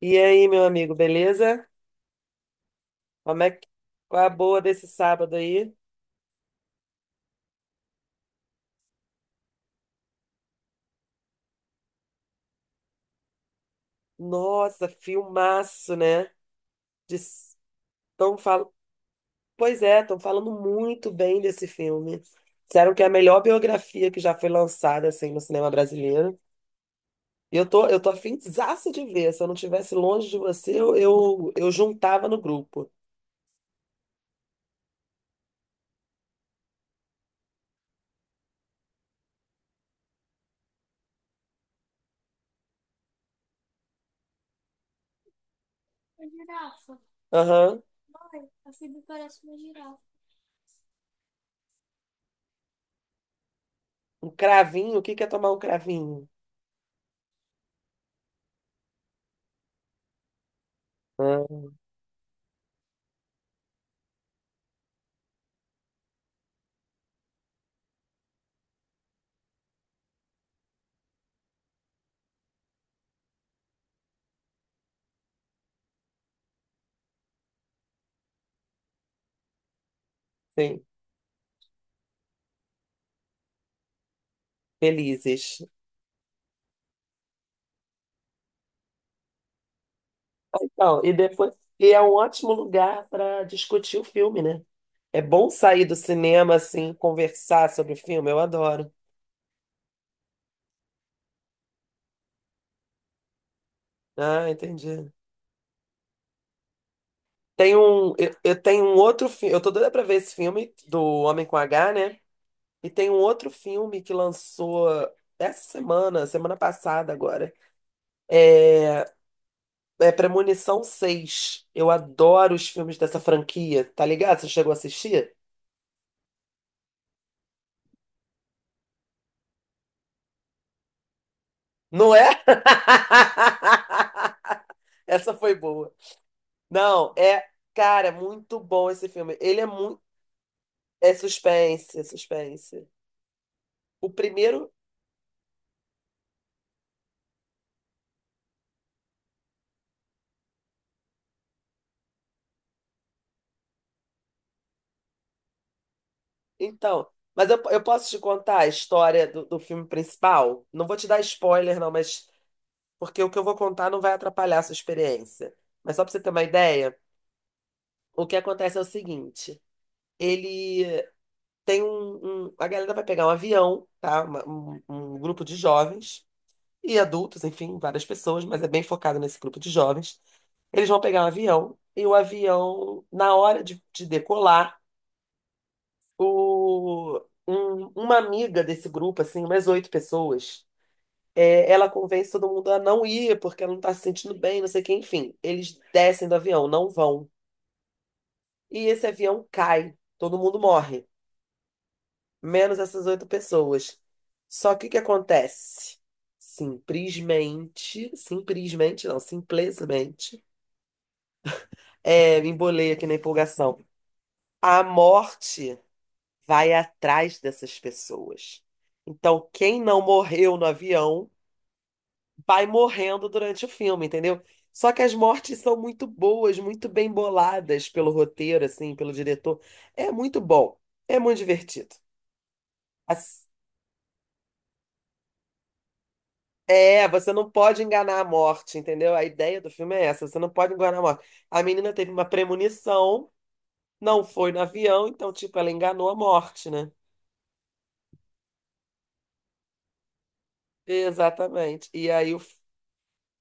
E aí, meu amigo, beleza? Como é que... Qual é a boa desse sábado aí? Nossa, filmaço, né? Diz- Tão fal... Pois é, estão falando muito bem desse filme. Disseram que é a melhor biografia que já foi lançada assim no cinema brasileiro. E eu tô afinzaça de ver. Se eu não estivesse longe de você, eu juntava no grupo. Aham. Um cravinho? O que que é tomar um cravinho? Ah, sim. Felizes. Então, e depois, e é um ótimo lugar para discutir o filme, né? É bom sair do cinema assim, conversar sobre o filme, eu adoro. Ah, entendi. Eu tenho um outro filme, eu tô doida pra ver esse filme do Homem com H, né? E tem um outro filme que lançou essa semana, semana passada agora. É, é Premonição seis. Eu adoro os filmes dessa franquia, tá ligado? Você chegou a assistir? Não é? Essa foi boa. Não, é, cara, muito bom esse filme. Ele é muito. É suspense, é suspense. O primeiro. Então, mas eu posso te contar a história do filme principal? Não vou te dar spoiler, não, mas porque o que eu vou contar não vai atrapalhar a sua experiência. Mas só para você ter uma ideia, o que acontece é o seguinte: ele a galera vai pegar um avião, tá? Um grupo de jovens e adultos, enfim, várias pessoas, mas é bem focado nesse grupo de jovens. Eles vão pegar um avião e o avião, na hora de decolar, o, uma amiga desse grupo, assim, umas oito pessoas, ela convence todo mundo a não ir porque ela não tá se sentindo bem, não sei o que, enfim. Eles descem do avião, não vão. E esse avião cai, todo mundo morre, menos essas oito pessoas. Só que o que acontece? Simplesmente, simplesmente não, simplesmente, me embolei aqui na empolgação. A morte vai atrás dessas pessoas. Então, quem não morreu no avião vai morrendo durante o filme, entendeu? Só que as mortes são muito boas, muito bem boladas pelo roteiro, assim, pelo diretor. É muito bom, é muito divertido. Assim, é, você não pode enganar a morte, entendeu? A ideia do filme é essa, você não pode enganar a morte. A menina teve uma premonição, não foi no avião, então, tipo, ela enganou a morte, né? Exatamente.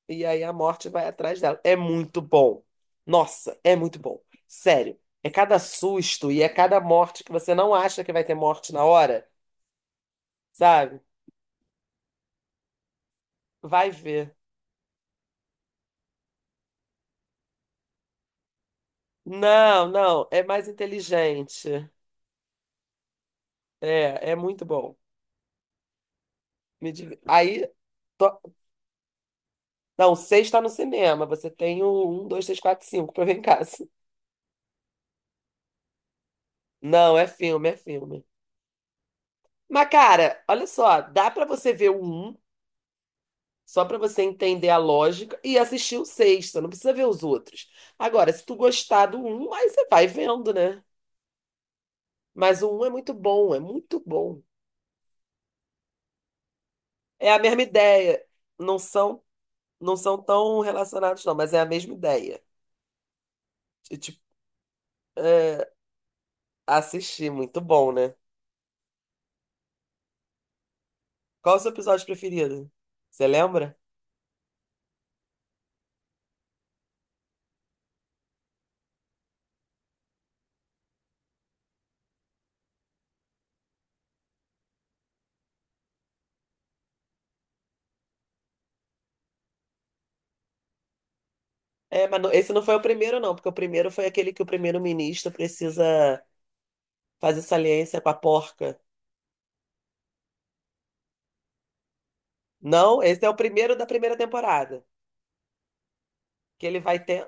E aí a morte vai atrás dela. É muito bom. Nossa, é muito bom. Sério. É cada susto e é cada morte que você não acha que vai ter morte na hora, sabe? Vai ver. Não, não, é mais inteligente. É, é muito bom. Aí. tô- Não, seis tá no cinema. Você tem o um, dois, três, quatro, cinco pra ver em casa. Não, é filme, é filme. Mas, cara, olha só, dá pra você ver o um, só pra você entender a lógica, e assistir o seis. Você não precisa ver os outros. Agora, se tu gostar do um, aí você vai vendo, né? Mas o um é muito bom, é muito bom. É a mesma ideia. Não são, não são tão relacionados, não, mas é a mesma ideia. Tipo, é, assistir, muito bom, né? Qual é o seu episódio preferido? Você lembra? É, mas esse não foi o primeiro, não, porque o primeiro foi aquele que o primeiro-ministro precisa fazer saliência com a porca. Não, esse é o primeiro da primeira temporada. Que ele vai ter.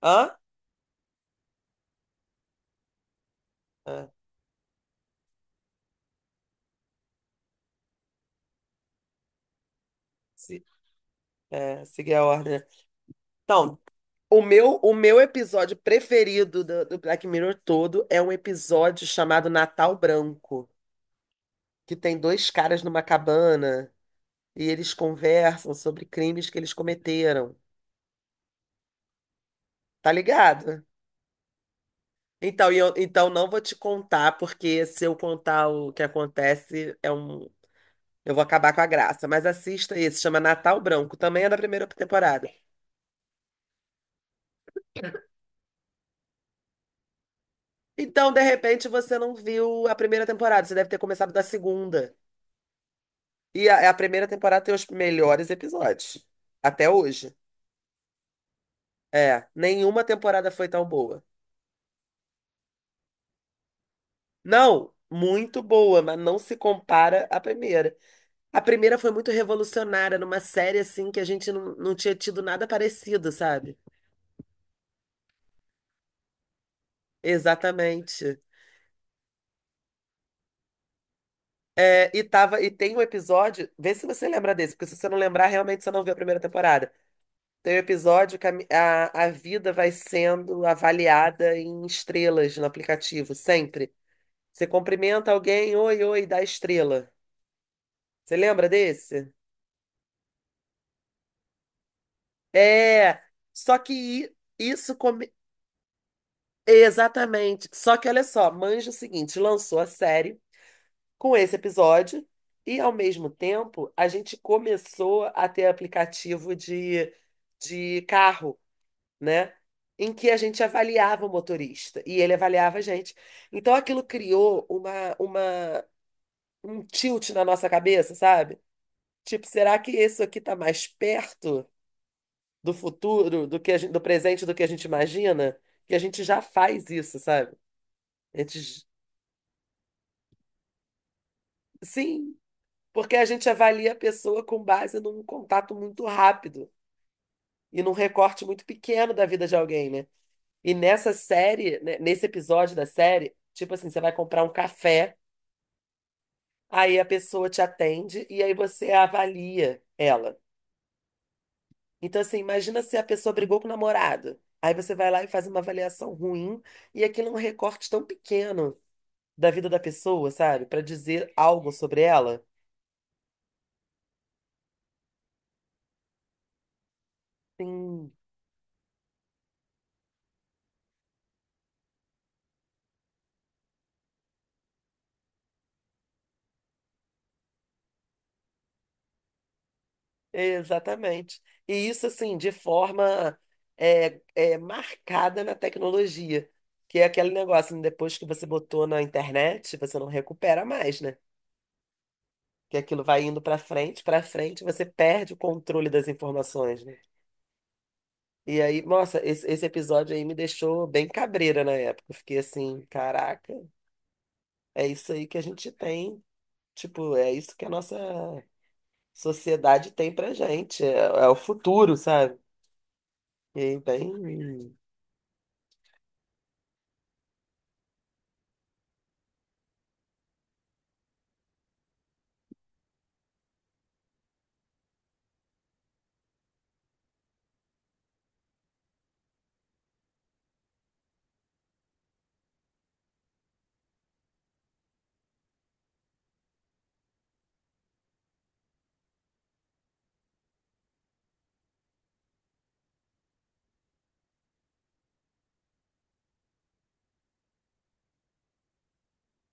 Hã? Ah, se... é, seguir a ordem, né? Então, o meu episódio preferido do Black Mirror todo é um episódio chamado Natal Branco, que tem dois caras numa cabana e eles conversam sobre crimes que eles cometeram. Tá ligado? Então, então não vou te contar, porque se eu contar o que acontece, eu vou acabar com a graça. Mas assista esse, chama Natal Branco, também é da primeira temporada. Então, de repente, você não viu a primeira temporada, você deve ter começado da segunda. E a primeira temporada tem os melhores episódios, até hoje. É, nenhuma temporada foi tão boa. Não, muito boa, mas não se compara à primeira. A primeira foi muito revolucionária, numa série assim que a gente não tinha tido nada parecido, sabe? Exatamente. E tem um episódio, vê se você lembra desse, porque se você não lembrar, realmente você não viu a primeira temporada. Tem um episódio que a vida vai sendo avaliada em estrelas no aplicativo, sempre. Você cumprimenta alguém, oi, oi, dá estrela. Você lembra desse? É, só que exatamente. Só que olha só, manja o seguinte, lançou a série com esse episódio e, ao mesmo tempo, a gente começou a ter aplicativo de carro, né? Em que a gente avaliava o motorista e ele avaliava a gente. Então aquilo criou um tilt na nossa cabeça, sabe? Tipo, será que isso aqui tá mais perto do futuro, do presente, do que a gente imagina? Que a gente já faz isso, sabe? A gente, sim, porque a gente avalia a pessoa com base num contato muito rápido e num recorte muito pequeno da vida de alguém, né? E nessa série, né, nesse episódio da série, tipo assim, você vai comprar um café, aí a pessoa te atende e aí você avalia ela. Então, assim, imagina se a pessoa brigou com o namorado. Aí você vai lá e faz uma avaliação ruim, e aquilo é um recorte tão pequeno da vida da pessoa, sabe? Pra dizer algo sobre ela. Sim. Exatamente. E isso, assim, de forma marcada na tecnologia, que é aquele negócio, né, depois que você botou na internet, você não recupera mais, né? Que aquilo vai indo para frente, você perde o controle das informações, né? E aí, nossa, esse episódio aí me deixou bem cabreira na época. Eu fiquei assim, caraca, é isso aí que a gente tem, tipo, é isso que a nossa sociedade tem pra gente, é o futuro, sabe? E aí, bem.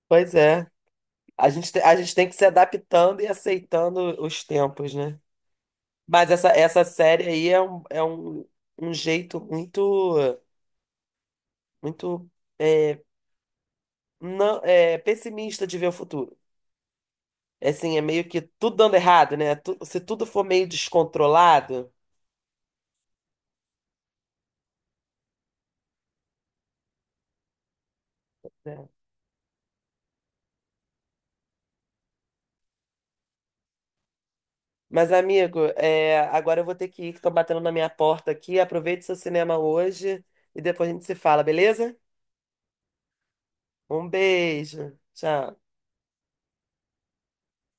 Pois é. A gente tem que se adaptando e aceitando os tempos, né? Mas essa série aí é um, um jeito muito, muito é, não, é, pessimista de ver o futuro. É assim, é meio que tudo dando errado, né? Se tudo for meio descontrolado, né? Mas, amigo, é, agora eu vou ter que ir, que estão batendo na minha porta aqui. Aproveite seu cinema hoje e depois a gente se fala, beleza? Um beijo. Tchau.